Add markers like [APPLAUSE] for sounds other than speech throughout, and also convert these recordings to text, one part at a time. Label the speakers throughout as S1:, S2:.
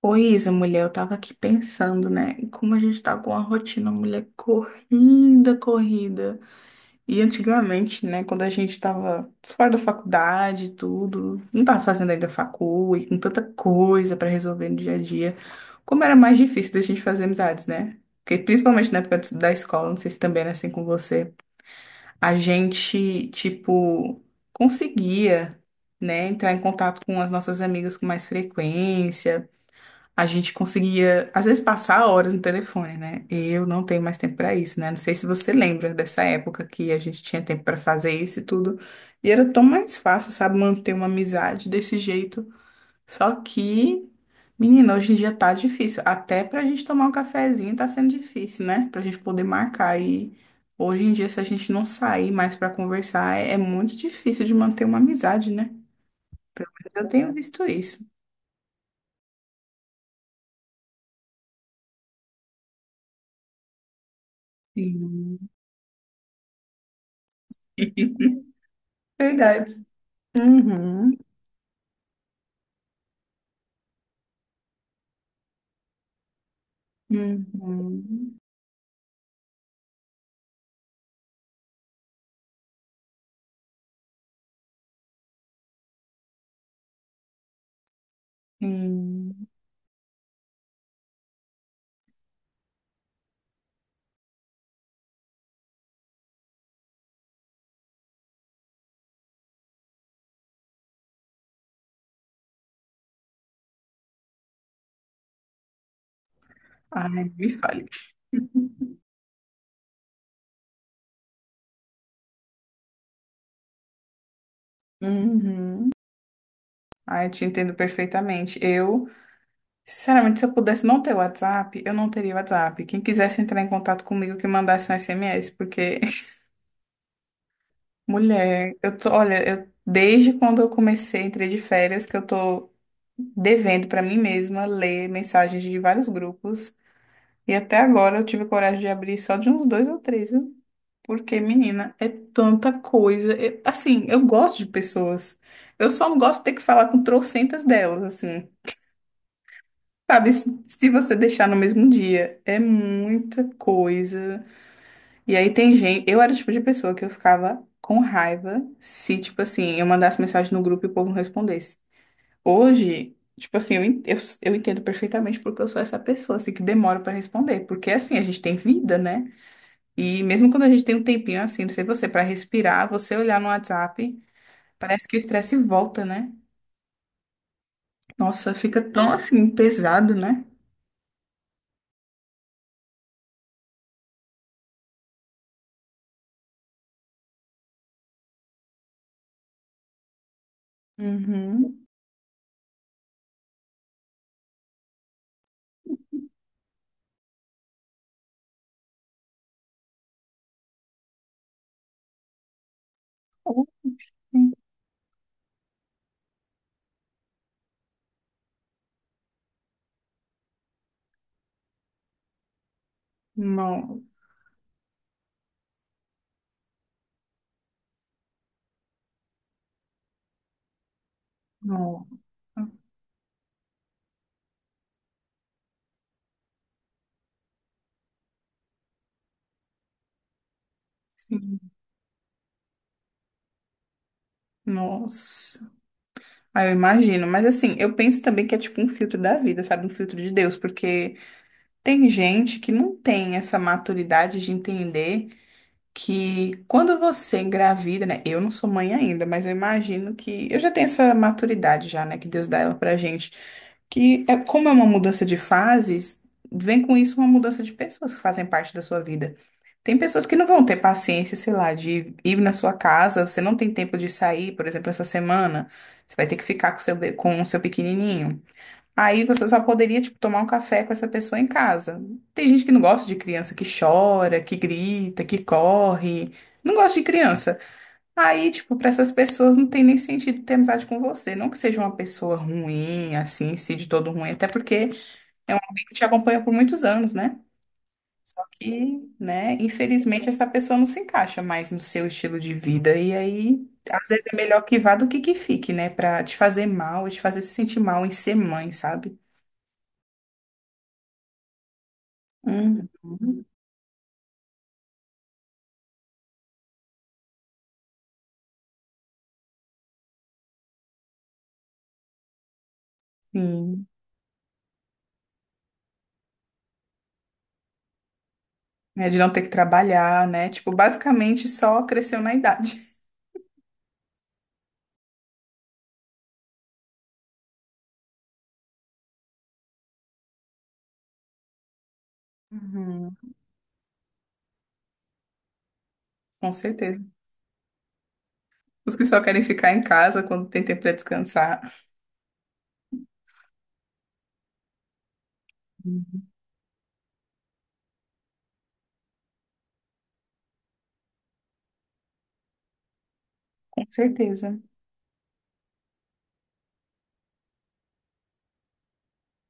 S1: Pois Isa, mulher, eu tava aqui pensando, né? em como a gente tá com uma rotina, mulher, corrida, corrida. E antigamente, né, quando a gente tava fora da faculdade e tudo, não tava fazendo ainda facul e com tanta coisa pra resolver no dia a dia, como era mais difícil da gente fazer amizades, né? Porque principalmente na época da escola, não sei se também era assim com você, a gente, tipo, conseguia, né, entrar em contato com as nossas amigas com mais frequência. A gente conseguia, às vezes, passar horas no telefone, né? Eu não tenho mais tempo para isso, né? Não sei se você lembra dessa época que a gente tinha tempo para fazer isso e tudo. E era tão mais fácil, sabe, manter uma amizade desse jeito. Só que, menina, hoje em dia tá difícil. Até pra gente tomar um cafezinho tá sendo difícil, né? Pra gente poder marcar. E hoje em dia, se a gente não sair mais para conversar, é muito difícil de manter uma amizade, né? Eu tenho visto isso. Sim. [LAUGHS] Verdade. Uhum, uhum, sim. Ai, me fale. Uhum. Ai, eu te entendo perfeitamente. Eu, sinceramente, se eu pudesse não ter WhatsApp, eu não teria WhatsApp. Quem quisesse entrar em contato comigo, que mandasse um SMS, porque, [LAUGHS] mulher, eu tô, olha, eu, desde quando eu comecei, entrei de férias, que eu tô devendo pra mim mesma ler mensagens de vários grupos. E até agora eu tive coragem de abrir só de uns dois ou três, viu? Porque, menina, é tanta coisa. Assim, eu gosto de pessoas. Eu só não gosto de ter que falar com trocentas delas, assim. Sabe, se você deixar no mesmo dia, é muita coisa. E aí tem gente. Eu era o tipo de pessoa que eu ficava com raiva se, tipo assim, eu mandasse mensagem no grupo e o povo não respondesse. Hoje, tipo assim, eu entendo perfeitamente porque eu sou essa pessoa, assim, que demora pra responder. Porque, assim, a gente tem vida, né? E mesmo quando a gente tem um tempinho assim, não sei você, para respirar, você olhar no WhatsApp, parece que o estresse volta, né? Nossa, fica tão assim pesado, né? Uhum. Não, não. Sim. Nossa. Aí eu imagino. Mas assim, eu penso também que é tipo um filtro da vida, sabe? Um filtro de Deus, porque tem gente que não tem essa maturidade de entender. Que quando você engravida, né? Eu não sou mãe ainda, mas eu imagino que eu já tenho essa maturidade já, né? Que Deus dá ela pra gente. Que é como é uma mudança de fases, vem com isso uma mudança de pessoas que fazem parte da sua vida. Tem pessoas que não vão ter paciência, sei lá, de ir na sua casa, você não tem tempo de sair, por exemplo, essa semana, você vai ter que ficar com o seu, com o seu pequenininho. Aí você só poderia, tipo, tomar um café com essa pessoa em casa. Tem gente que não gosta de criança, que chora, que grita, que corre. Não gosta de criança. Aí, tipo, para essas pessoas não tem nem sentido ter amizade com você. Não que seja uma pessoa ruim, assim, em si, de todo ruim, até porque é um amigo que te acompanha por muitos anos, né? Só que, né, infelizmente essa pessoa não se encaixa mais no seu estilo de vida. E aí, às vezes é melhor que vá do que fique, né? Pra te fazer mal, te fazer se sentir mal em ser mãe, sabe? Uhum, sim. É de não ter que trabalhar, né? Tipo, basicamente só cresceu na idade. Uhum. Com certeza. Os que só querem ficar em casa quando tem tempo para descansar. Uhum. Com certeza.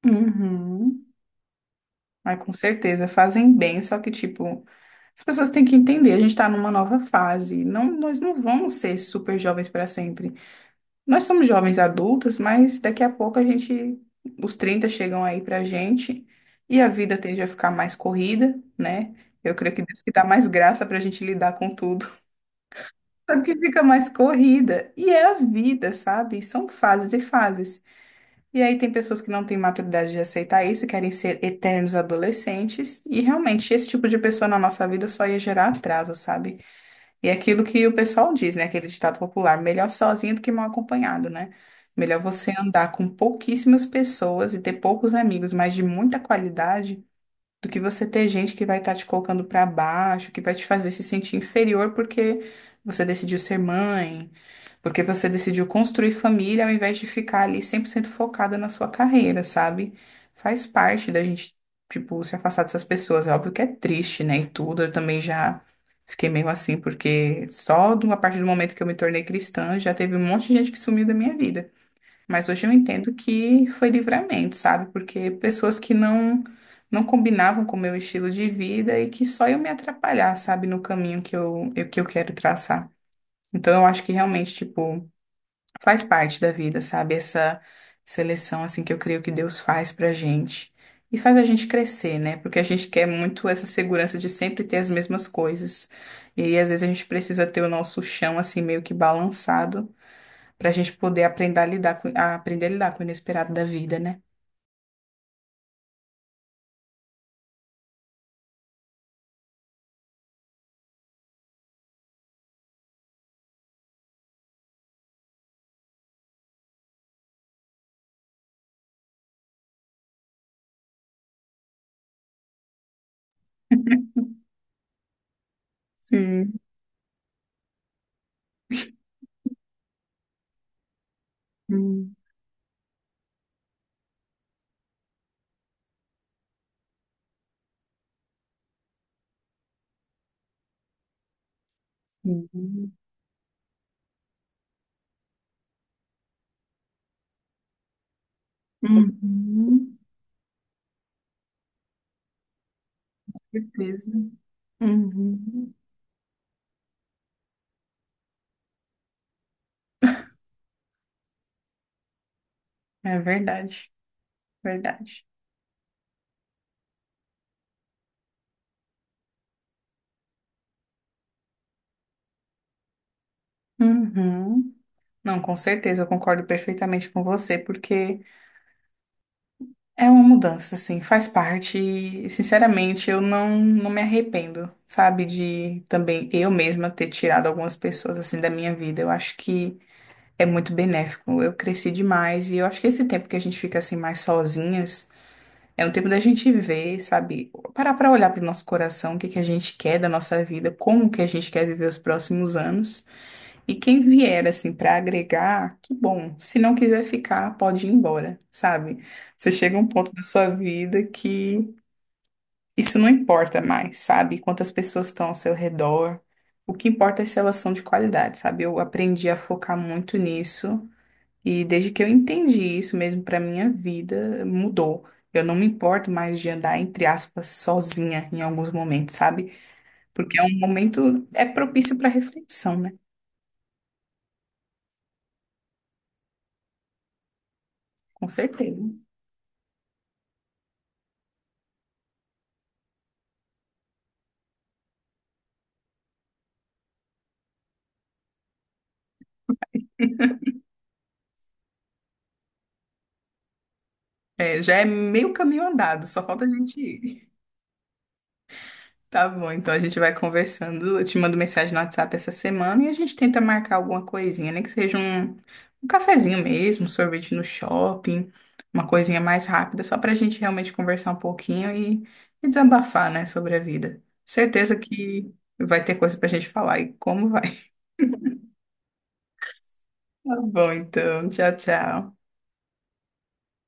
S1: Uhum. Ai, com certeza. Fazem bem, só que, tipo, as pessoas têm que entender, a gente está numa nova fase. Não, nós não vamos ser super jovens para sempre. Nós somos jovens adultos, mas daqui a pouco a gente, os 30 chegam aí pra gente e a vida tende a ficar mais corrida, né? Eu creio que Deus que dá mais graça pra gente lidar com tudo. [LAUGHS] Só que fica mais corrida. E é a vida, sabe? São fases e fases. E aí tem pessoas que não têm maturidade de aceitar isso, querem ser eternos adolescentes. E realmente, esse tipo de pessoa na nossa vida só ia gerar atraso, sabe? E é aquilo que o pessoal diz, né? Aquele ditado popular, melhor sozinho do que mal acompanhado, né? Melhor você andar com pouquíssimas pessoas e ter poucos amigos, mas de muita qualidade, do que você ter gente que vai estar te colocando para baixo, que vai te fazer se sentir inferior porque você decidiu ser mãe, porque você decidiu construir família ao invés de ficar ali 100% focada na sua carreira, sabe? Faz parte da gente, tipo, se afastar dessas pessoas. É óbvio que é triste, né? E tudo. Eu também já fiquei meio assim, porque só de uma parte do momento que eu me tornei cristã, já teve um monte de gente que sumiu da minha vida. Mas hoje eu entendo que foi livramento, sabe? Porque pessoas que não combinavam com o meu estilo de vida e que só eu me atrapalhar, sabe? No caminho que que eu quero traçar. Então eu acho que realmente, tipo faz parte da vida, sabe? Essa seleção assim que eu creio que Deus faz pra gente e faz a gente crescer, né? Porque a gente quer muito essa segurança de sempre ter as mesmas coisas. E aí, às vezes a gente precisa ter o nosso chão assim meio que balançado pra gente poder aprender a lidar com o inesperado da vida, né? Sim. Sim. Sim. Uhum, certeza. Uhum. É verdade, verdade. Uhum. Não, com certeza, eu concordo perfeitamente com você, porque é uma mudança, assim, faz parte e, sinceramente, eu não, não me arrependo, sabe, de também eu mesma ter tirado algumas pessoas, assim, da minha vida. Eu acho que é muito benéfico, eu cresci demais e eu acho que esse tempo que a gente fica, assim, mais sozinhas é um tempo da gente ver, sabe, parar pra olhar pro nosso coração, o que que a gente quer da nossa vida, como que a gente quer viver os próximos anos. E quem vier assim para agregar, que bom. Se não quiser ficar, pode ir embora, sabe? Você chega a um ponto da sua vida que isso não importa mais, sabe? Quantas pessoas estão ao seu redor. O que importa é se elas são de qualidade, sabe? Eu aprendi a focar muito nisso e desde que eu entendi isso mesmo para minha vida, mudou. Eu não me importo mais de andar, entre aspas, sozinha em alguns momentos, sabe? Porque é um momento, é propício para reflexão, né? Com certeza. É, já é meio caminho andado, só falta a gente ir. [LAUGHS] Tá bom, então a gente vai conversando. Eu te mando mensagem no WhatsApp essa semana e a gente tenta marcar alguma coisinha, nem que seja um, um cafezinho mesmo, um sorvete no shopping, uma coisinha mais rápida, só pra gente realmente conversar um pouquinho e desabafar, né, sobre a vida. Certeza que vai ter coisa pra gente falar e como vai. [LAUGHS] Tá bom, então. Tchau, tchau.